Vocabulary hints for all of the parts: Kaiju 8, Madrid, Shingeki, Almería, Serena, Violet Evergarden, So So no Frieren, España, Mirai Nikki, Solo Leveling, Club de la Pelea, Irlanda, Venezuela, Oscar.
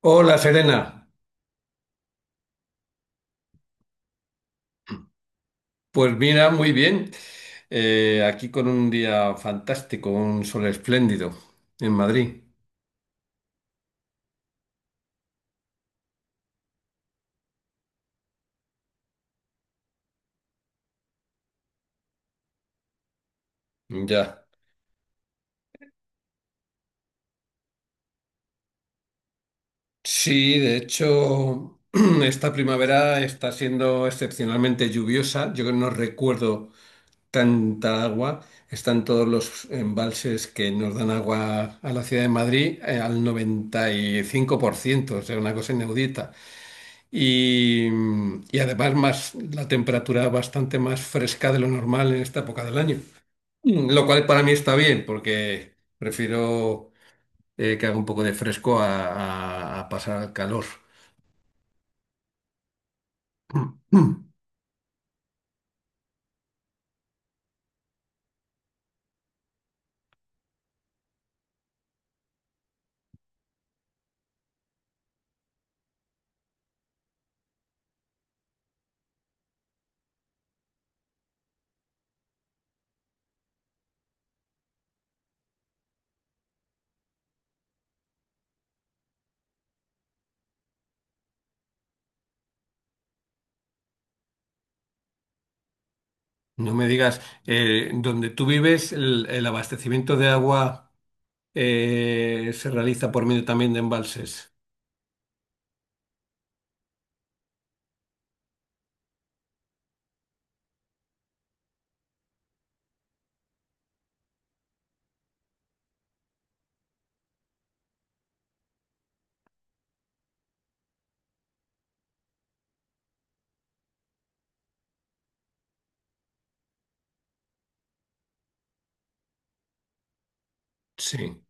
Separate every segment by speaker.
Speaker 1: Hola Serena, pues mira, muy bien. Aquí con un día fantástico, un sol espléndido en Madrid. Ya. Sí, de hecho, esta primavera está siendo excepcionalmente lluviosa. Yo no recuerdo tanta agua. Están todos los embalses que nos dan agua a la ciudad de Madrid, al 95%, o sea, una cosa inaudita. y, y además, la temperatura bastante más fresca de lo normal en esta época del año. Lo cual para mí está bien, porque prefiero que haga un poco de fresco a pasar al calor. Mm. No me digas, donde tú vives, el abastecimiento de agua se realiza por medio también de embalses. Sí,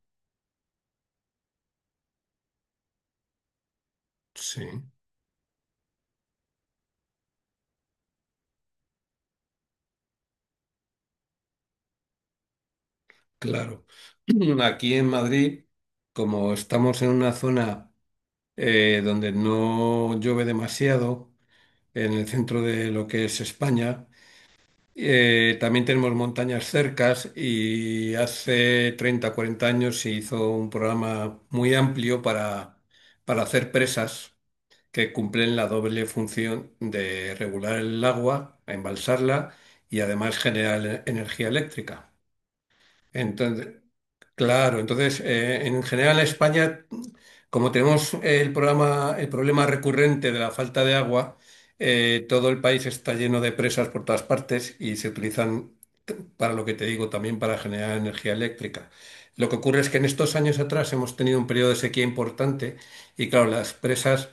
Speaker 1: sí, claro. Aquí en Madrid, como estamos en una zona donde no llueve demasiado, en el centro de lo que es España. También tenemos montañas cercas y hace 30, 40 años se hizo un programa muy amplio para hacer presas que cumplen la doble función de regular el agua, embalsarla y además generar energía eléctrica. Entonces, claro, entonces en general en España, como tenemos eh, el problema recurrente de la falta de agua, todo el país está lleno de presas por todas partes y se utilizan para lo que te digo, también para generar energía eléctrica. Lo que ocurre es que en estos años atrás hemos tenido un periodo de sequía importante y claro, las presas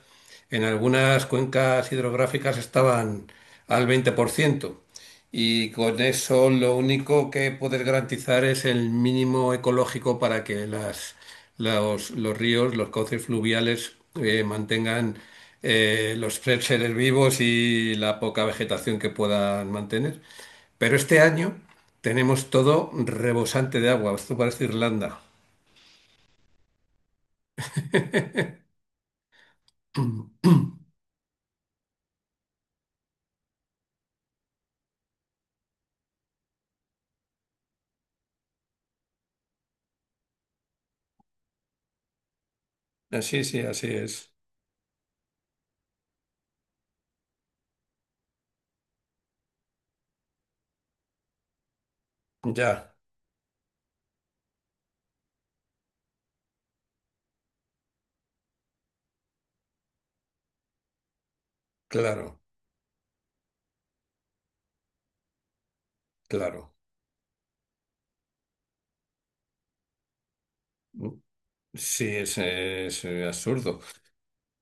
Speaker 1: en algunas cuencas hidrográficas estaban al 20%. Y con eso lo único que poder garantizar es el mínimo ecológico para que los ríos, los cauces fluviales mantengan los seres vivos y la poca vegetación que puedan mantener. Pero este año tenemos todo rebosante de agua. Esto parece Irlanda. Mm. Sí, sí, así es. Ya, claro, claro. Mm. Sí, es absurdo.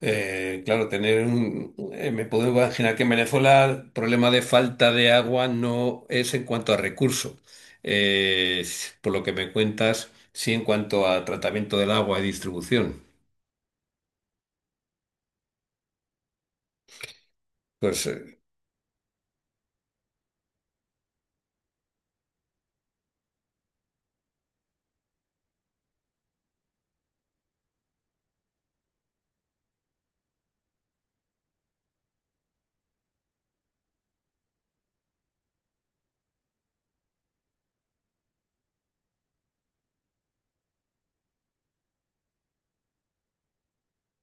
Speaker 1: Claro, tener un... me puedo imaginar que en Venezuela el problema de falta de agua no es en cuanto a recurso. Eh, por lo que me cuentas, sí en cuanto a tratamiento del agua y distribución. Pues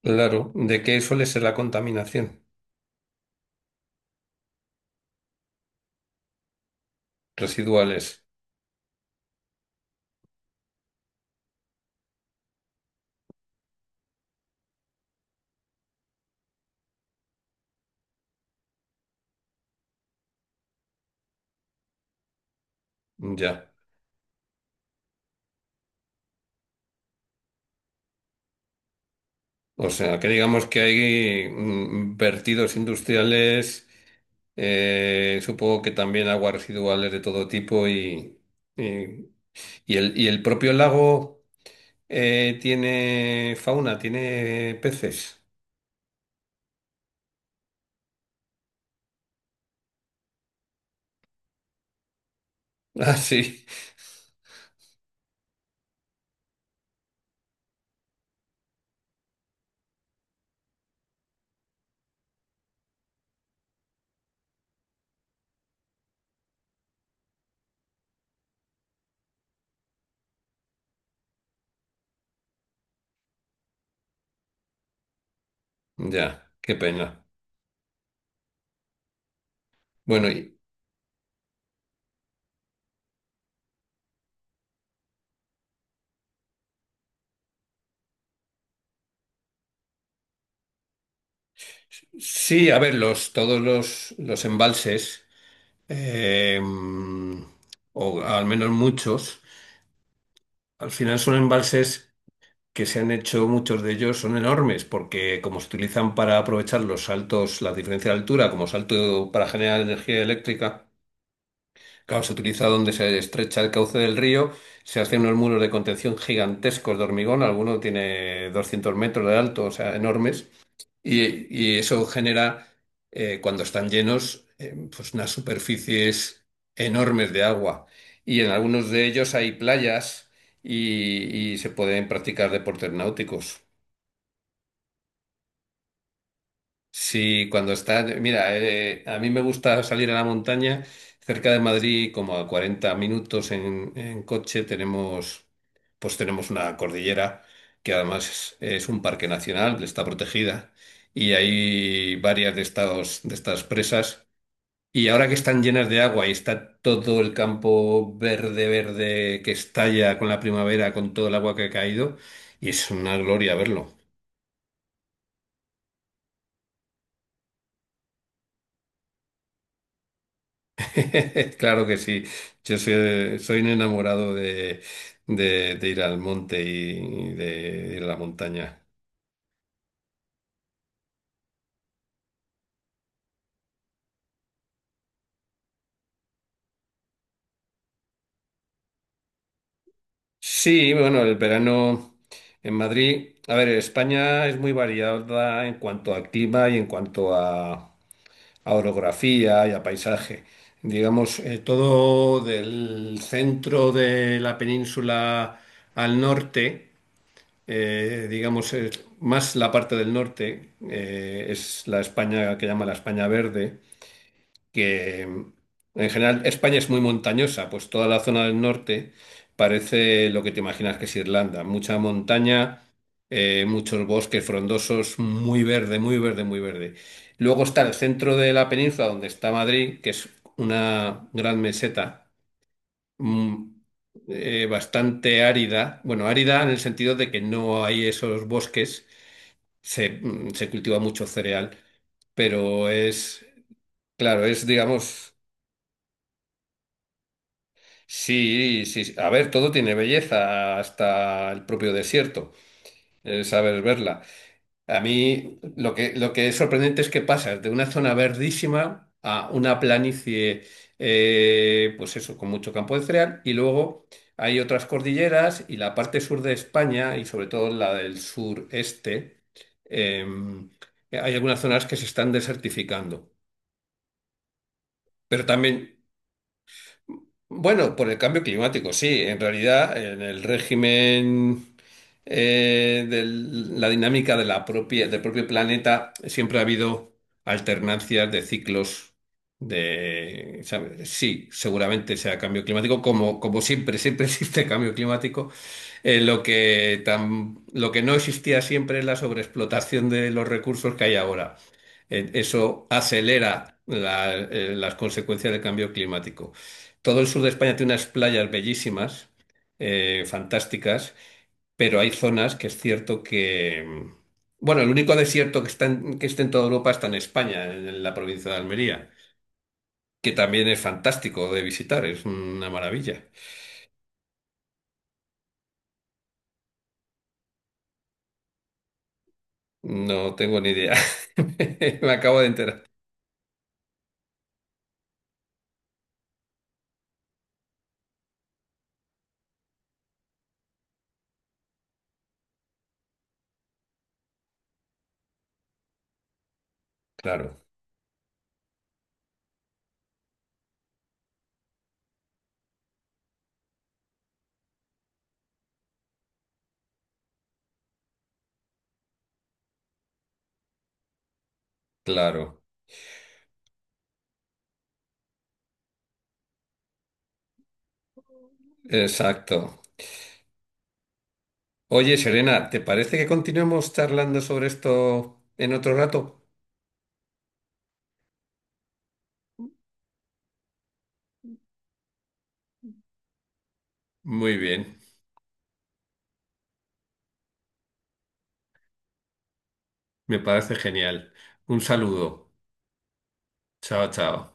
Speaker 1: claro, ¿de qué suele ser la contaminación? Residuales. Ya. O sea, que digamos que hay vertidos industriales, supongo que también aguas residuales de todo tipo y, y el propio lago tiene fauna, tiene peces. Ah, sí. Ya, qué pena. Bueno, y- sí, a ver, los embalses, eh, o al menos muchos, al final son embalses que se han hecho, muchos de ellos son enormes, porque como se utilizan para aprovechar los saltos, la diferencia de altura, como salto para generar energía eléctrica, claro, se utiliza donde se estrecha el cauce del río, se hacen unos muros de contención gigantescos de hormigón, alguno tiene 200 metros de alto, o sea, enormes, y eso genera, cuando están llenos, pues unas superficies enormes de agua. Y en algunos de ellos hay playas y y se pueden practicar deportes náuticos. Sí, cuando está, mira, a mí me gusta salir a la montaña. Cerca de Madrid, como a 40 minutos en coche, tenemos, pues tenemos una cordillera que además es un parque nacional, que está protegida y hay varias de estas presas. Y ahora que están llenas de agua y está todo el campo verde, verde que estalla con la primavera, con todo el agua que ha caído, y es una gloria verlo. Claro que sí. Yo soy, soy un enamorado de, de ir al monte y de ir a la montaña. Sí, bueno, el verano en Madrid. A ver, España es muy variada en cuanto a clima y en cuanto a orografía y a paisaje. Digamos, todo del centro de la península al norte. Eh, digamos, es más la parte del norte, es la España que llama la España Verde, que en general España es muy montañosa, pues toda la zona del norte parece lo que te imaginas que es Irlanda, mucha montaña, muchos bosques frondosos, muy verde, muy verde, muy verde. Luego está el centro de la península donde está Madrid, que es una gran meseta, mm, bastante árida. Bueno, árida en el sentido de que no hay esos bosques, se cultiva mucho cereal, pero claro, es, digamos, sí, sí, a ver, todo tiene belleza, hasta el propio desierto, el saber verla. A mí lo que es sorprendente es que pasas de una zona verdísima a una planicie, pues eso, con mucho campo de cereal, y luego hay otras cordilleras y la parte sur de España, y sobre todo la del sureste, eh, hay algunas zonas que se están desertificando. Pero también, bueno, por el cambio climático, sí. En realidad, en el régimen de la dinámica de del propio planeta, siempre ha habido alternancias de ciclos de, ¿sabes? Sí, seguramente sea cambio climático, como, como siempre, siempre existe cambio climático. Lo que no existía siempre es la sobreexplotación de los recursos que hay ahora. Eso acelera las consecuencias del cambio climático. Todo el sur de España tiene unas playas bellísimas, fantásticas, pero hay zonas que es cierto que... Bueno, el único desierto que está que está en toda Europa está en España, en la provincia de Almería, que también es fantástico de visitar, es una maravilla. No tengo ni idea. Me acabo de enterar. Claro, claro, exacto. Oye, Serena, ¿te parece que continuemos charlando sobre esto en otro rato? Muy bien, me parece genial. Un saludo. Chao, chao.